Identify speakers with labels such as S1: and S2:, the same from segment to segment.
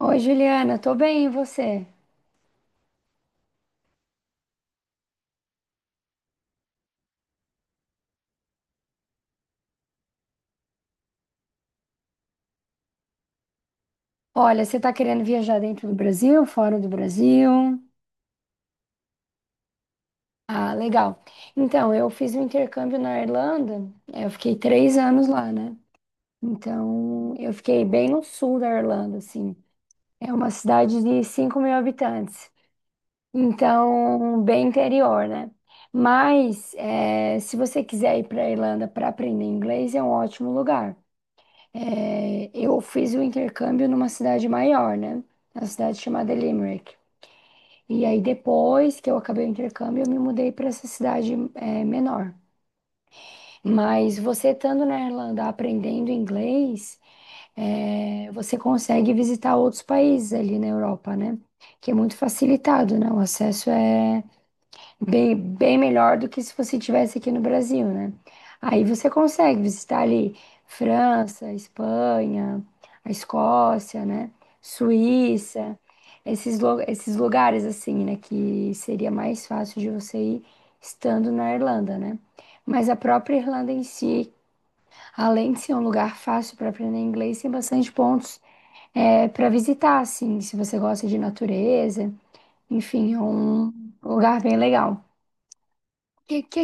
S1: Oi, Juliana, tô bem, e você? Olha, você tá querendo viajar dentro do Brasil, fora do Brasil? Ah, legal. Então, eu fiz um intercâmbio na Irlanda, eu fiquei 3 anos lá, né? Então, eu fiquei bem no sul da Irlanda, assim. É uma cidade de 5 mil habitantes, então, bem interior, né? Mas, se você quiser ir para a Irlanda para aprender inglês, é um ótimo lugar. É, eu fiz o intercâmbio numa cidade maior, né? Na cidade chamada Limerick. E aí, depois que eu acabei o intercâmbio, eu me mudei para essa cidade, menor. Mas você estando na Irlanda aprendendo inglês, você consegue visitar outros países ali na Europa, né? Que é muito facilitado, né? O acesso é. Bem, bem melhor do que se você tivesse aqui no Brasil, né? Aí você consegue visitar ali França, Espanha, a Escócia, né? Suíça, esses lugares assim, né? Que seria mais fácil de você ir estando na Irlanda, né? Mas a própria Irlanda em si, além de ser um lugar fácil para aprender inglês, tem bastante pontos para visitar, assim, se você gosta de natureza, enfim, é um lugar bem legal. O que, que.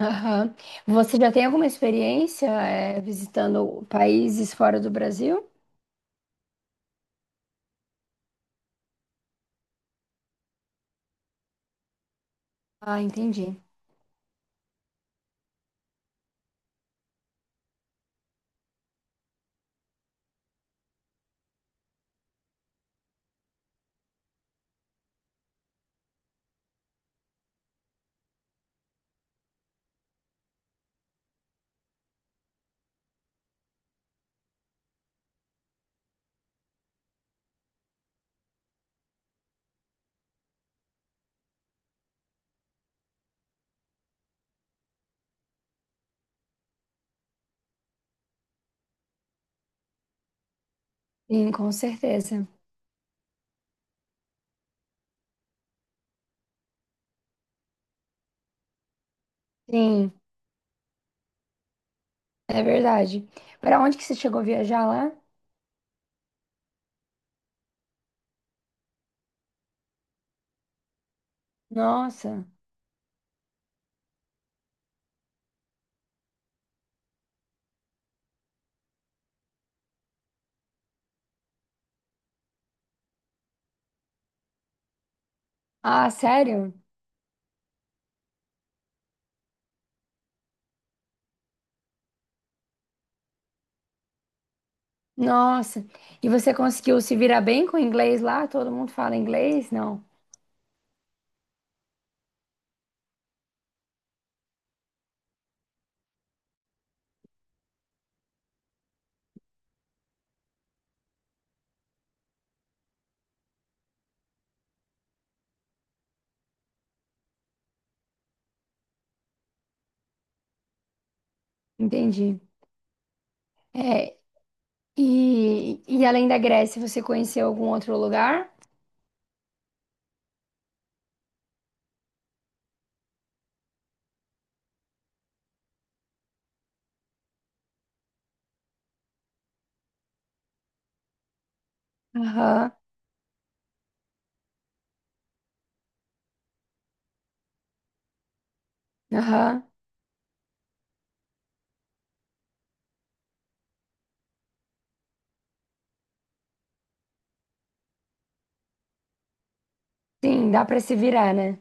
S1: Aham. Você já tem alguma experiência, visitando países fora do Brasil? Ah, entendi. Sim, com certeza. Sim, é verdade. Para onde que você chegou a viajar lá? Nossa. Ah, sério? Nossa. E você conseguiu se virar bem com o inglês lá? Todo mundo fala inglês? Não. Entendi. É, e além da Grécia, você conheceu algum outro lugar? Aham, aham. Sim, dá para se virar, né?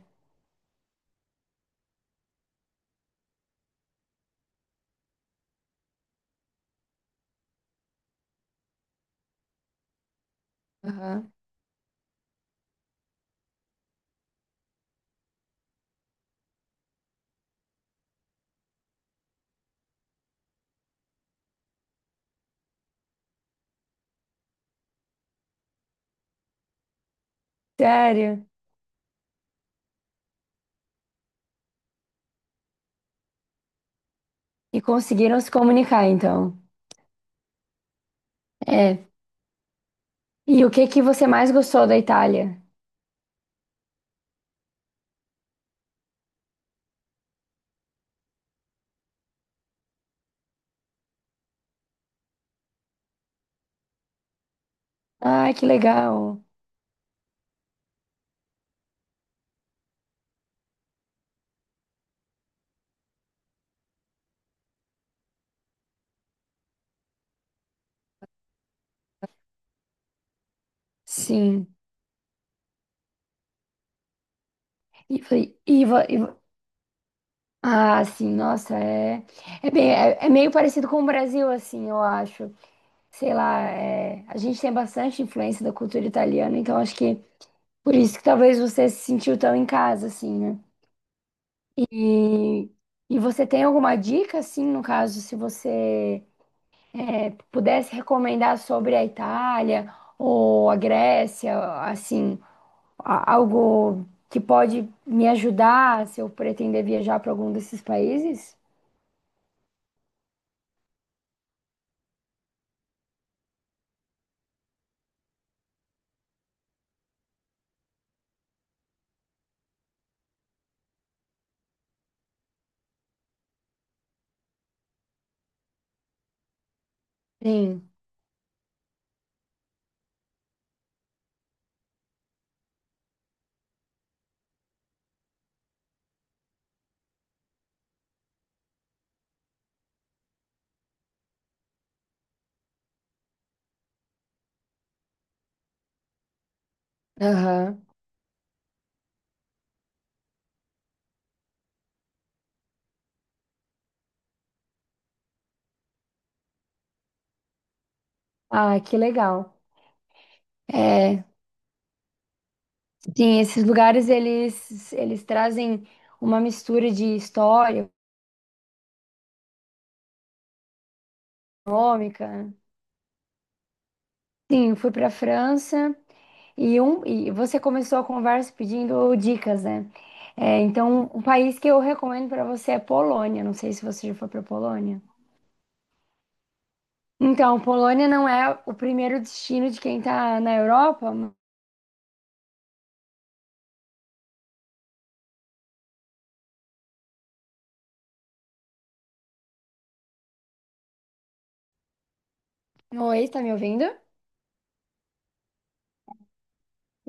S1: Aham. Sério? E conseguiram se comunicar, então. É. E o que que você mais gostou da Itália? Ah, que legal. Sim. E, foi- e, vo- e vo- ah, sim, nossa, é, é, bem, é, é meio parecido com o Brasil, assim, eu acho. Sei lá, a gente tem bastante influência da cultura italiana, então acho que por isso que talvez você se sentiu tão em casa, assim, né? E, e você tem alguma dica, assim, no caso, se você pudesse recomendar sobre a Itália ou a Grécia, assim, algo que pode me ajudar se eu pretender viajar para algum desses países? Sim. Aham. Ah, que legal. É, sim, esses lugares eles trazem uma mistura de história, econômica. Sim, fui para a França. E você começou a conversa pedindo dicas, né? É, então, um país que eu recomendo para você é Polônia. Não sei se você já foi para Polônia. Então, Polônia não é o primeiro destino de quem tá na Europa. Oi, tá me ouvindo?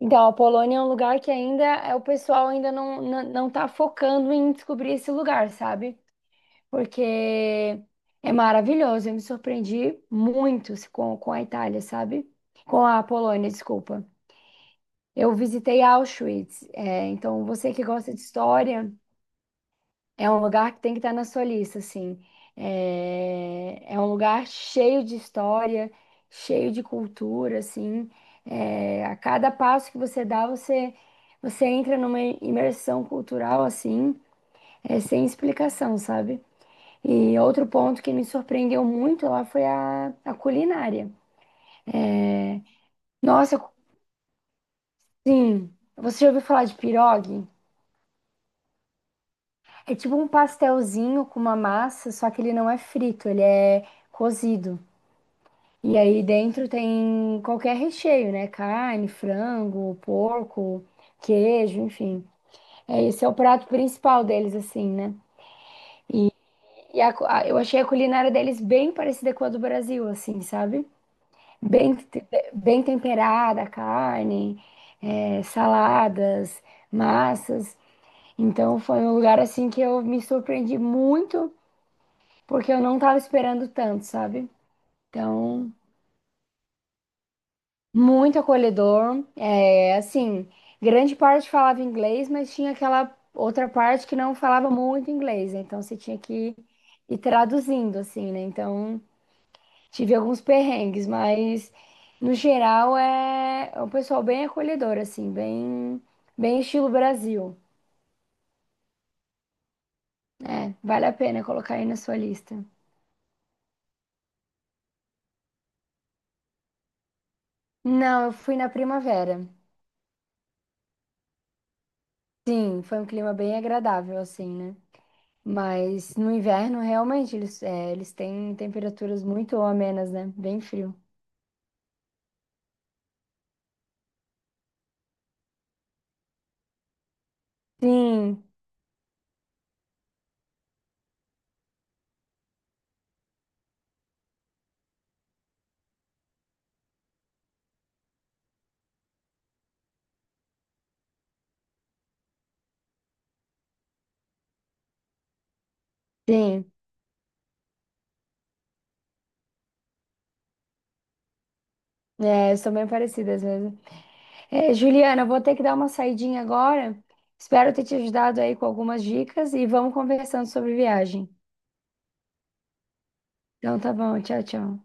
S1: Então, a Polônia é um lugar que ainda é o pessoal ainda não tá focando em descobrir esse lugar, sabe? Porque é maravilhoso. Eu me surpreendi muito com a Itália, sabe? Com a Polônia, desculpa. Eu visitei Auschwitz, então você que gosta de história, é um lugar que tem que estar na sua lista, assim. É um lugar cheio de história, cheio de cultura, assim. É, a cada passo que você dá, você entra numa imersão cultural, assim, sem explicação, sabe? E outro ponto que me surpreendeu muito lá foi a culinária. Nossa, sim, você já ouviu falar de pirogue? É tipo um pastelzinho com uma massa, só que ele não é frito, ele é cozido. E aí dentro tem qualquer recheio, né? Carne, frango, porco, queijo, enfim. É, esse é o prato principal deles, assim, né? E eu achei a culinária deles bem parecida com a do Brasil, assim, sabe? Bem, te- bem temperada, a carne, saladas, massas. Então foi um lugar assim que eu me surpreendi muito porque eu não tava esperando tanto, sabe? Então, muito acolhedor. É, assim, grande parte falava inglês, mas tinha aquela outra parte que não falava muito inglês, né? Então você tinha que ir traduzindo, assim, né? Então, tive alguns perrengues, mas no geral é um pessoal bem acolhedor, assim, bem, bem estilo Brasil. É, vale a pena colocar aí na sua lista. Não, eu fui na primavera. Sim, foi um clima bem agradável, assim, né? Mas no inverno, realmente, eles têm temperaturas muito amenas, né? Bem frio. Sim, sim. É, são bem parecidas mesmo. É, Juliana, eu vou ter que dar uma saidinha agora. Espero ter te ajudado aí com algumas dicas e vamos conversando sobre viagem. Então tá bom, tchau, tchau.